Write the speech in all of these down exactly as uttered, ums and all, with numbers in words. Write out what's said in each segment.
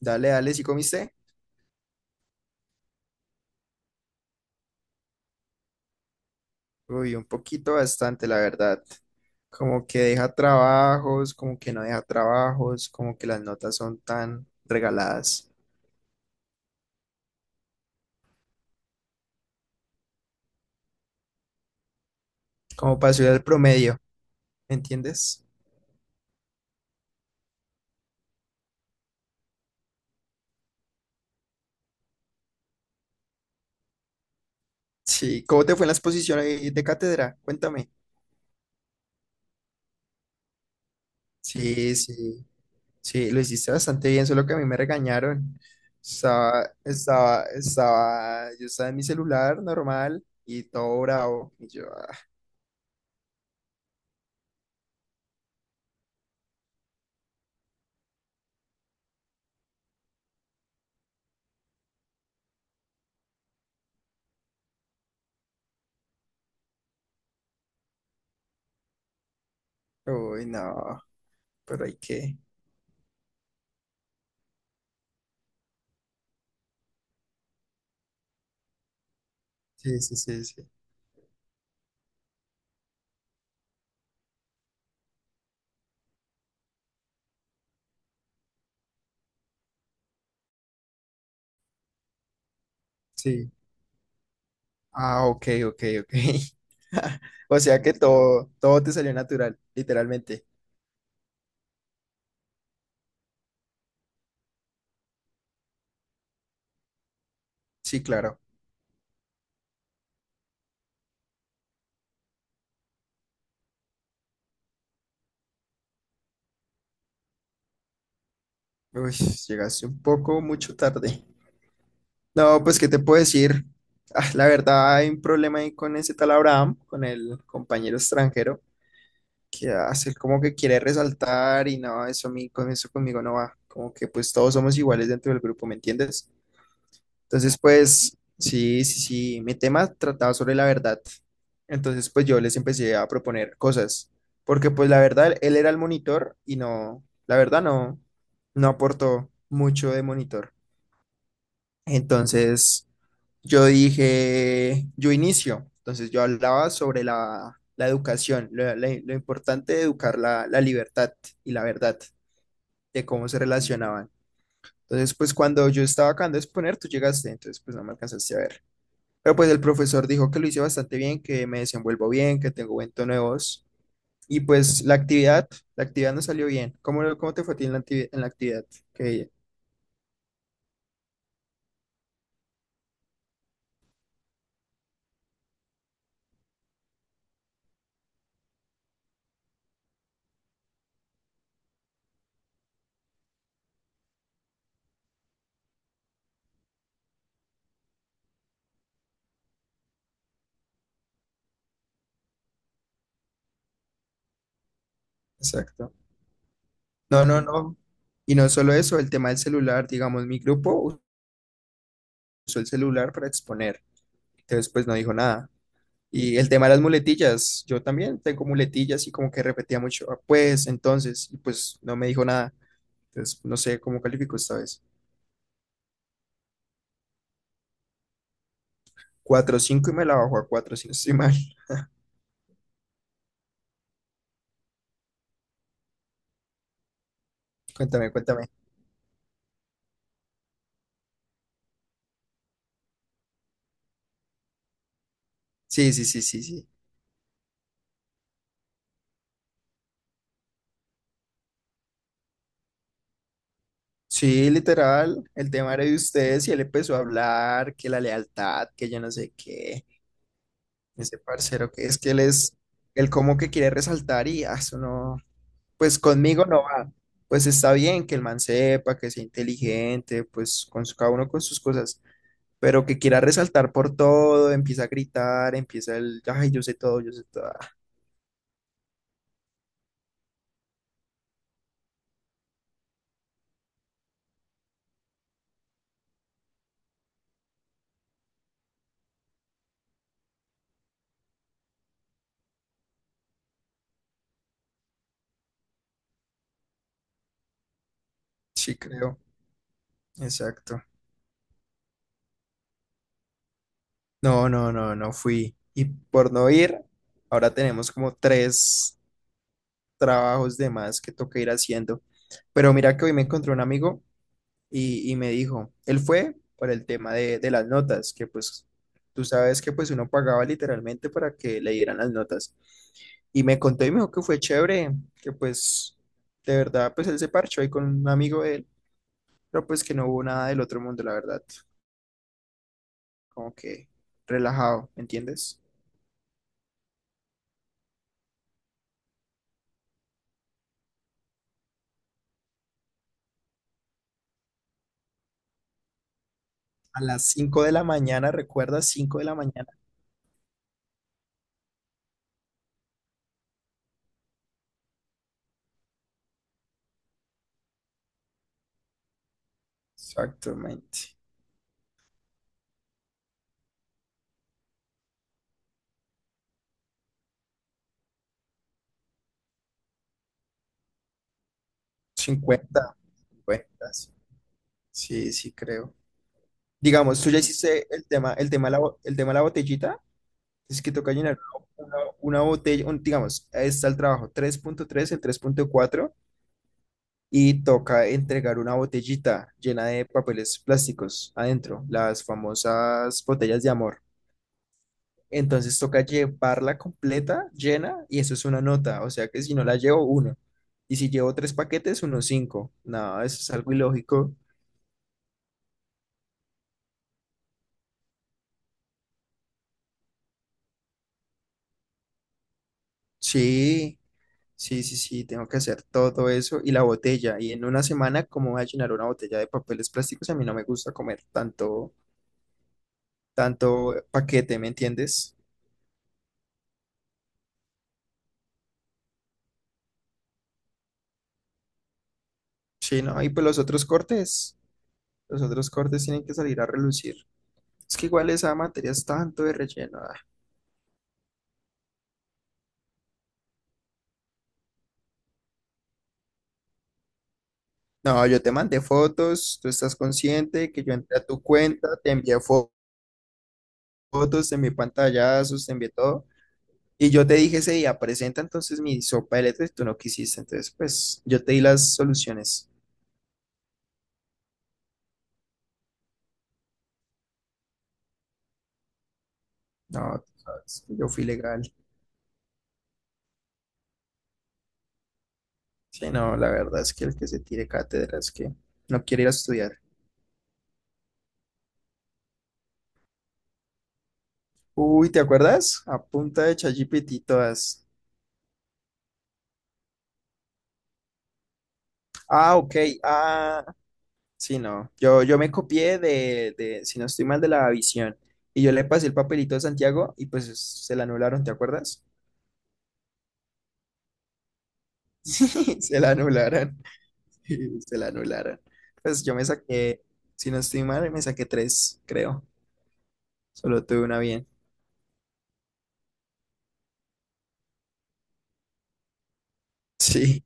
Dale, dale, ¿sí comiste? Uy, un poquito bastante, la verdad. Como que deja trabajos, como que no deja trabajos, como que las notas son tan regaladas, como para subir al promedio, ¿me ¿entiendes? Sí, ¿cómo te fue en la exposición ahí de cátedra? Cuéntame. Sí, sí, sí, lo hiciste bastante bien, solo que a mí me regañaron. Estaba, estaba, estaba, yo estaba en mi celular normal y todo bravo. Y yo, ah, uy, no, pero hay que. Sí, sí, sí, sí. Sí. Ah, ok, ok, ok. O sea que todo, todo te salió natural, literalmente. Sí, claro. Uy, llegaste un poco mucho tarde. No, pues, ¿qué te puedo decir? Ah, la verdad, hay un problema ahí con ese tal Abraham, con el compañero extranjero, que hace como que quiere resaltar y no, eso a mí, con eso conmigo no va. Como que pues todos somos iguales dentro del grupo, ¿me entiendes? Entonces, pues, sí, sí, sí, mi tema trataba sobre la verdad. Entonces, pues yo les empecé a proponer cosas, porque pues la verdad, él era el monitor y no, la verdad no, no aportó mucho de monitor. Entonces, yo dije, yo inicio. Entonces, yo hablaba sobre la, la educación, lo, la- lo importante de educar la, la libertad y la verdad, de cómo se relacionaban. Entonces, pues cuando yo estaba acabando de exponer, tú llegaste, entonces pues no me alcanzaste a ver. Pero pues el profesor dijo que lo hice bastante bien, que me desenvuelvo bien, que tengo buen tono de voz. Y pues la actividad, la actividad no salió bien. ¿Cómo, cómo te fue a ti en la actividad? ¿En la actividad? Que- exacto. No, no, no. Y no solo eso, el tema del celular, digamos, mi grupo usó el celular para exponer. Entonces pues no dijo nada. Y el tema de las muletillas, yo también tengo muletillas y como que repetía mucho, "Ah, pues entonces, y pues no me dijo nada". Entonces no sé cómo calificó esta vez. Cuatro cinco y me la bajó a cuatro si no estoy mal. Cuéntame, cuéntame. Sí, sí, sí, sí, sí. Sí, literal, el tema era de ustedes y él empezó a hablar que la lealtad, que yo no sé qué, ese parcero que es que él es, él como que quiere resaltar y ah, eso no, pues conmigo no va. Pues está bien que el man sepa, que sea inteligente, pues con su- cada uno con sus cosas, pero que quiera resaltar por todo, empieza a gritar, empieza el, ay, yo sé todo, yo sé todo. Ah, sí, creo, exacto. No, no, no, no fui. Y por no ir, ahora tenemos como tres trabajos de más que toca ir haciendo. Pero mira que hoy me encontré un amigo y, y me dijo, él fue por el tema de, de las notas, que pues tú sabes que pues uno pagaba literalmente para que le dieran las notas. Y me contó y me dijo que fue chévere, que pues de verdad pues él se parchó ahí con un amigo de él, pero pues que no hubo nada del otro mundo, la verdad, como que relajado, ¿me entiendes? A las cinco de la mañana, recuerda, cinco de la mañana. Exactamente. Cincuenta cincuenta. Sí, sí, sí, creo. Digamos, tú ya hiciste el tema, el tema, de la, bo- el tema de la botellita. Es que toca llenar una, una botella, un- digamos, ahí está el trabajo tres punto tres el tres punto cuatro y toca entregar una botellita llena de papeles plásticos adentro, las famosas botellas de amor. Entonces toca llevarla completa, llena, y eso es una nota. O sea que si no la llevo, uno. Y si llevo tres paquetes, uno cinco. No, eso es algo ilógico. Sí, sí, sí, sí, tengo que hacer todo eso y la botella. Y en una semana, ¿cómo voy a llenar una botella de papeles plásticos? A mí no me gusta comer tanto, tanto paquete, ¿me entiendes? Sí, no, y pues los otros cortes, los otros cortes tienen que salir a relucir. Es que igual esa materia es tanto de relleno. No, yo te mandé fotos, tú estás consciente que yo entré a tu cuenta, te envié fo- fotos, te envié pantallazos, te envié todo. Y yo te dije ese día, presenta entonces mi sopa de letras y tú no quisiste. Entonces, pues yo te di las soluciones. No, tú sabes que yo fui legal. Sí, no, la verdad es que el que se tire cátedra es que no quiere ir a estudiar. Uy, ¿te acuerdas? A punta de chat G P T todas. Ah, ok. Ah, sí, no. Yo, yo me copié de, de, si no estoy mal, de la visión. Y yo le pasé el papelito a Santiago y pues se la anularon, ¿te acuerdas? Se la anularon. Se la anularon. Pues yo me saqué, si no estoy mal, me saqué tres, creo. Solo tuve una bien. Sí.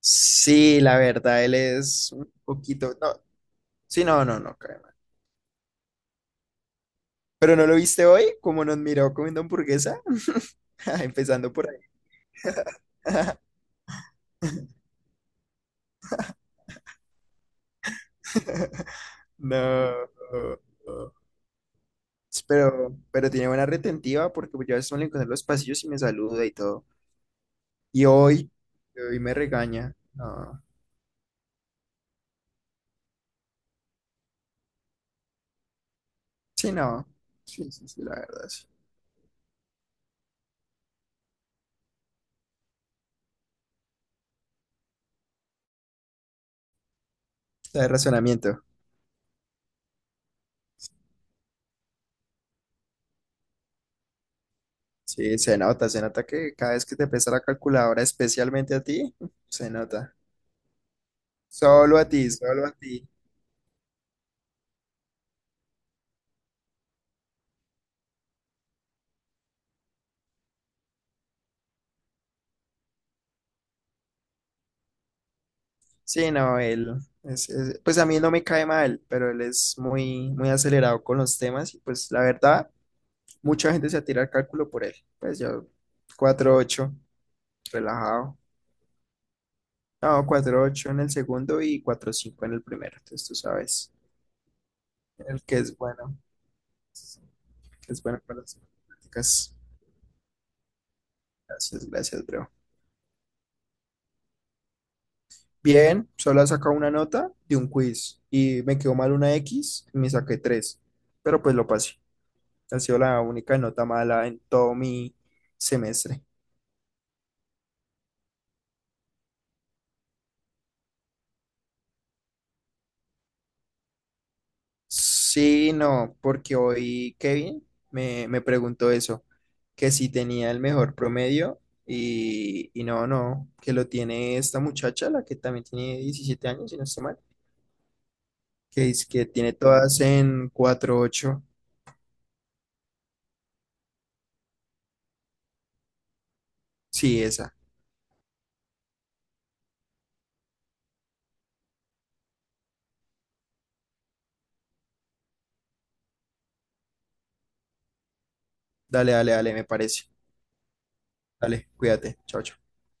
Sí, la verdad, él es un poquito. No, sí, no, no, no, cae mal. Pero no lo viste hoy, como nos miró comiendo hamburguesa, empezando por ahí. No. Pues, Pero, pero tiene buena retentiva porque pues, yo a veces me lo encuentro en los pasillos y me saluda y todo. Y hoy, hoy me regaña. No. Sí, no. Sí, sí, sí, la verdad. Sí. De razonamiento. Sí, se nota, se nota que cada vez que te pesa la calculadora, especialmente a ti, se nota. Solo a ti, solo a ti. Sí, no, él es- es- pues a mí no me cae mal, pero él es muy, muy acelerado con los temas y pues la verdad, mucha gente se atira al cálculo por él. Pues yo, cuatro ocho relajado. No, cuatro ocho en el segundo y cuatro cinco en el primero. Entonces tú sabes el que es bueno, que es bueno para las matemáticas. Gracias, gracias, bro. Bien, solo he sacado una nota de un quiz y me quedó mal una equis y me saqué tres pero pues lo pasé. Ha sido la única nota mala en todo mi semestre. Sí, no, porque hoy Kevin me, me preguntó eso, que si tenía el mejor promedio y, y no, no, que lo tiene esta muchacha, la que también tiene diecisiete años, si no estoy mal, que es que tiene todas en cuatro punto ocho. Sí, esa. Dale, dale, dale, me parece. Dale, cuídate. Chao, chao.